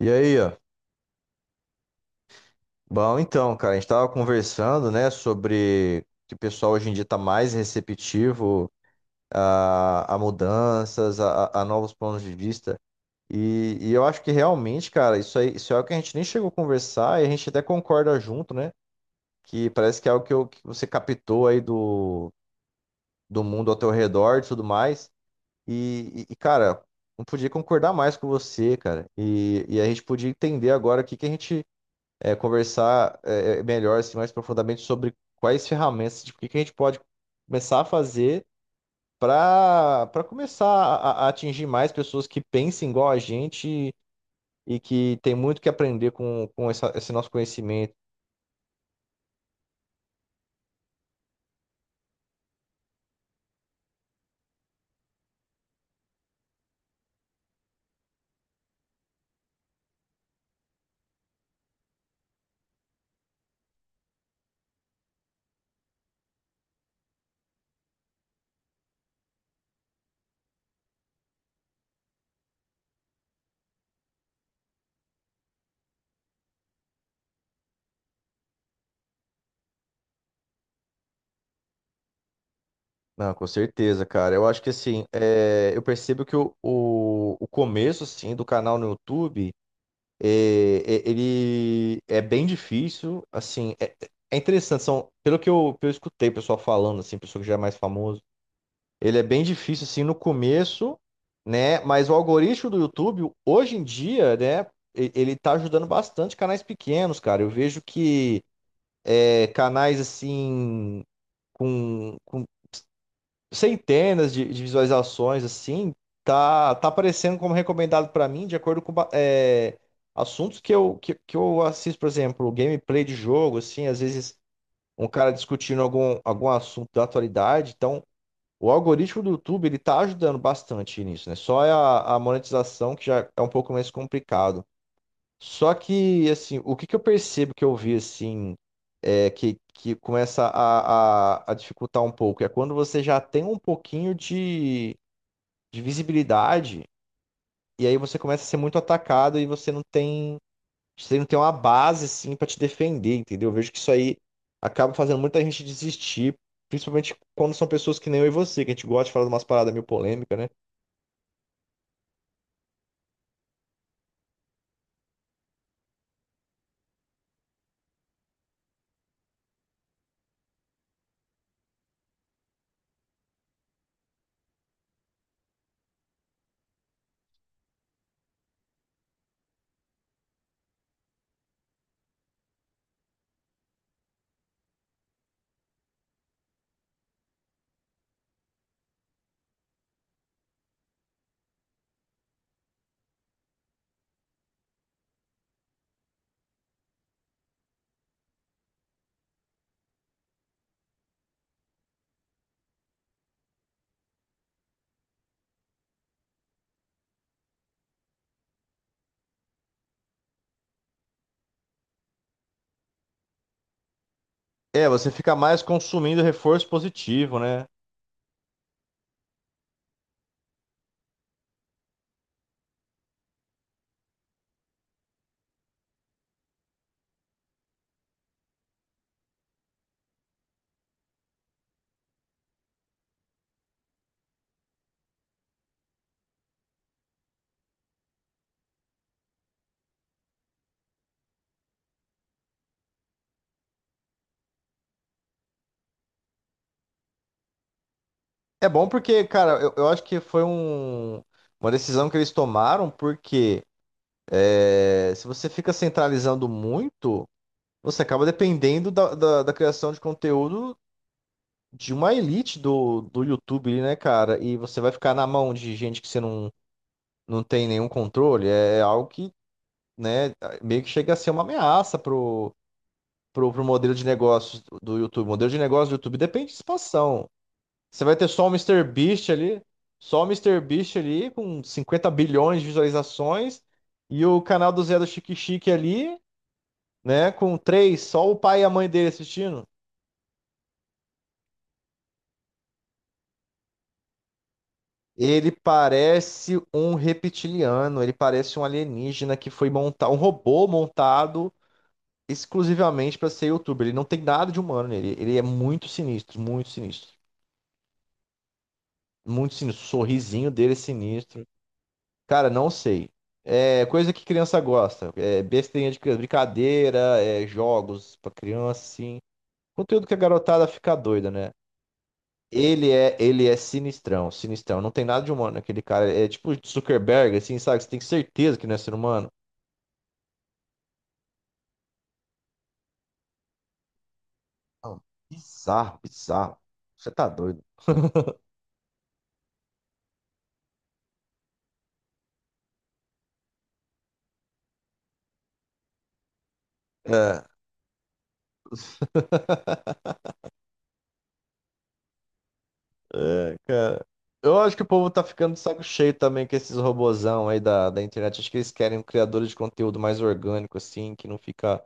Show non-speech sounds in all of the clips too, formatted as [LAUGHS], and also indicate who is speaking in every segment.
Speaker 1: E aí, ó. Bom, então, cara, a gente tava conversando, né, sobre que o pessoal hoje em dia tá mais receptivo a mudanças, a novos pontos de vista. E eu acho que realmente, cara, isso aí, isso é algo que a gente nem chegou a conversar e a gente até concorda junto, né? Que parece que é algo que, que você captou aí do mundo ao teu redor e tudo mais. E, cara, não podia concordar mais com você, cara. E a gente podia entender agora o que que a gente conversar é melhor, assim, mais profundamente sobre quais ferramentas, tipo, o que que a gente pode começar a fazer para começar a atingir mais pessoas que pensem igual a gente e que tem muito que aprender com esse nosso conhecimento. Não, com certeza, cara. Eu acho que assim, eu percebo que o começo, assim, do canal no YouTube ele é bem difícil, assim, é interessante, são, pelo que que eu escutei o pessoal falando, assim, pessoa que já é mais famoso. Ele é bem difícil assim no começo, né? Mas o algoritmo do YouTube, hoje em dia, né? Ele tá ajudando bastante canais pequenos, cara. Eu vejo que canais assim com centenas de visualizações assim tá aparecendo como recomendado pra mim de acordo com assuntos que que eu assisto, por exemplo, gameplay de jogo, assim, às vezes um cara discutindo algum assunto da atualidade. Então o algoritmo do YouTube, ele está ajudando bastante nisso, né? Só é a monetização que já é um pouco mais complicado. Só que, assim, o que que eu percebo, que eu vi, assim, é que começa a dificultar um pouco é quando você já tem um pouquinho de visibilidade, e aí você começa a ser muito atacado e você não tem uma base, assim, para te defender, entendeu? Eu vejo que isso aí acaba fazendo muita gente desistir, principalmente quando são pessoas que nem eu e você, que a gente gosta de falar de umas paradas meio polêmicas, né? É, você fica mais consumindo reforço positivo, né? É bom porque, cara, eu acho que foi uma decisão que eles tomaram, porque se você fica centralizando muito, você acaba dependendo da criação de conteúdo de uma elite do YouTube, ali, né, cara? E você vai ficar na mão de gente que você não, não tem nenhum controle. É algo que, né, meio que chega a ser uma ameaça pro modelo de negócios do YouTube. O modelo de negócio do YouTube depende de expansão. Você vai ter só o Mister Beast ali, só o Mister Beast ali com 50 bilhões de visualizações, e o canal do Zé do Chique Chique ali, né, com três, só o pai e a mãe dele assistindo. Ele parece um reptiliano, ele parece um alienígena que foi montar um robô montado exclusivamente para ser youtuber. Ele não tem nada de humano nele, ele é muito sinistro, muito sinistro. Muito sinistro, o sorrisinho dele é sinistro. Cara, não sei. É coisa que criança gosta. É besteirinha de criança, brincadeira, é jogos pra criança, assim. Conteúdo que a garotada fica doida, né? Ele é sinistrão, sinistrão. Não tem nada de humano naquele cara. É tipo Zuckerberg, assim, sabe? Você tem certeza que não é ser humano? Não, bizarro, bizarro. Você tá doido. É, [LAUGHS] é, cara. Eu acho que o povo tá ficando de saco cheio também com esses robozão aí da internet. Acho que eles querem um criador de conteúdo mais orgânico, assim, que não fica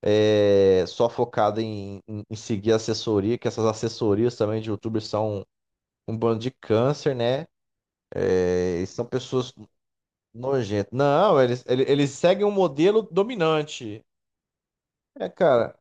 Speaker 1: só focado em seguir assessoria, que essas assessorias também de youtubers são um bando de câncer, né? É, eles são pessoas nojentas. Não, eles seguem um modelo dominante. É, cara,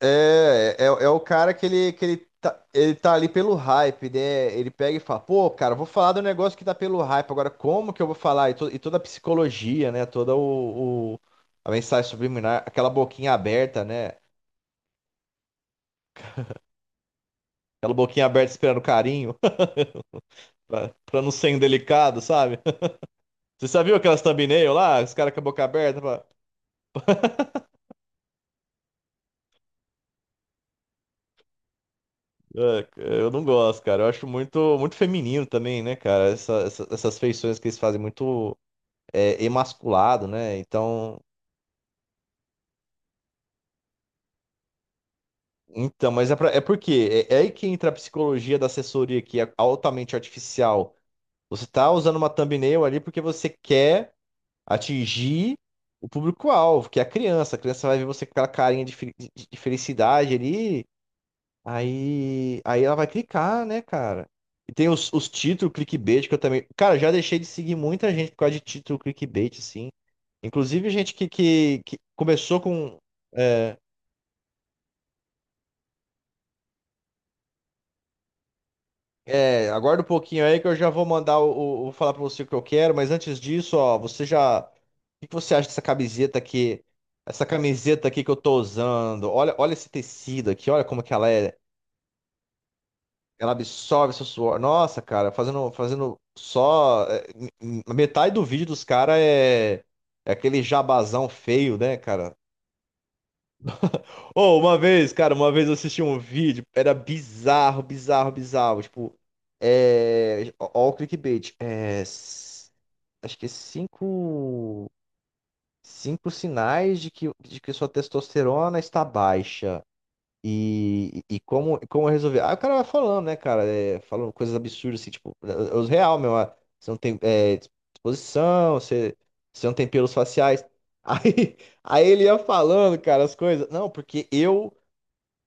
Speaker 1: é o cara que ele tá ali pelo hype, né? Ele pega e fala, pô, cara, vou falar do negócio que tá pelo hype. Agora, como que eu vou falar? E toda a psicologia, né? Toda a mensagem subliminar, aquela boquinha aberta, né? Aquela boquinha aberta esperando carinho. Pra não ser indelicado, sabe? [LAUGHS] Você já viu aquelas thumbnail lá? Os caras com a boca aberta? Pra. É, eu não gosto, cara. Eu acho muito, muito feminino também, né, cara? Essas feições que eles fazem, muito emasculado, né? Então, mas é porque é aí que entra a psicologia da assessoria, que é altamente artificial. Você tá usando uma thumbnail ali porque você quer atingir o público-alvo, que é a criança. A criança vai ver você com aquela carinha de, de felicidade ali. Aí, ela vai clicar, né, cara? E tem os títulos clickbait, que eu também. Cara, já deixei de seguir muita gente por causa de título clickbait, assim. Inclusive, gente que começou com. É, Aguarda um pouquinho aí que eu já vou mandar vou falar pra você o que eu quero, mas antes disso, ó, você já. O que que você acha dessa camiseta aqui? Essa camiseta aqui que eu tô usando? Olha, olha esse tecido aqui, olha como que ela é. Ela absorve seu suor. Nossa, cara, fazendo, fazendo só. Metade do vídeo dos caras é, aquele jabazão feio, né, cara? Ou uma vez, cara, uma vez eu assisti um vídeo, era bizarro, bizarro, bizarro. Tipo, é. Ó, o clickbait. É. Acho que é cinco. Cinco sinais de que sua testosterona está baixa. E como eu resolvi? Ah, o cara vai falando, né, cara? Falando coisas absurdas, assim, tipo, é os real, meu. Você não tem disposição, você não tem pelos faciais. Aí, [LAUGHS] aí ele ia falando, cara, as coisas. Não, porque eu,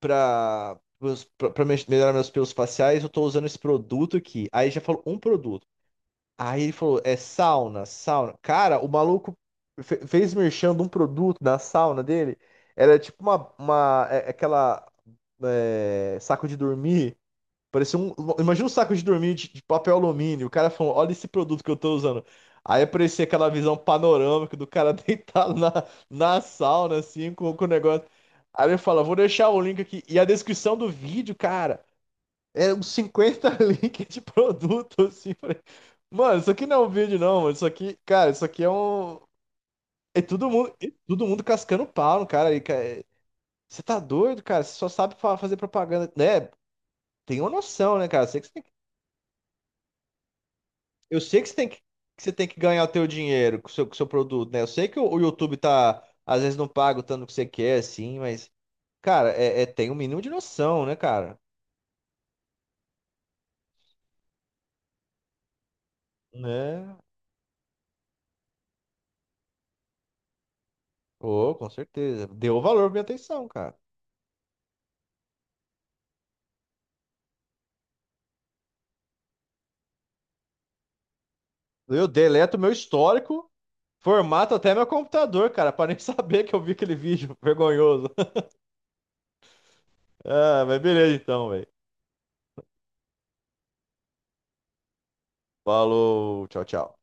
Speaker 1: pra, pros- pra, pra me- melhorar meus pelos faciais, eu tô usando esse produto aqui. Aí já falou um produto. Aí ele falou, é sauna, sauna. Cara, o maluco fez merchan de um produto na sauna dele. Era tipo uma é- aquela é, saco de dormir. Imagina um saco de dormir de papel alumínio. O cara falou, olha esse produto que eu tô usando. Aí aparecia aquela visão panorâmica do cara [LAUGHS] deitado na sauna, assim, com o negócio. Aí ele fala, vou deixar o link aqui. E a descrição do vídeo, cara. Era uns 50 [LAUGHS] links de produto, assim. Falei, mano, isso aqui não é um vídeo, não, mano. Isso aqui, cara, isso aqui é um. É todo mundo cascando pau no cara aí, cara. Você tá doido, cara? Você só sabe fazer propaganda, né? Tem uma noção, né, cara? Eu sei que você tem que, eu sei que, você tem que você tem que ganhar o teu dinheiro com o seu produto, né? Eu sei que o YouTube tá, às vezes, não paga o tanto que você quer, assim, mas, cara, tem um mínimo de noção, né, cara? Né? Ô, com certeza. Deu valor pra minha atenção, cara. Eu deleto meu histórico, formato até meu computador, cara, pra nem [LAUGHS] saber que eu vi aquele vídeo vergonhoso. [LAUGHS] Ah, mas beleza então, velho. Falou, tchau, tchau.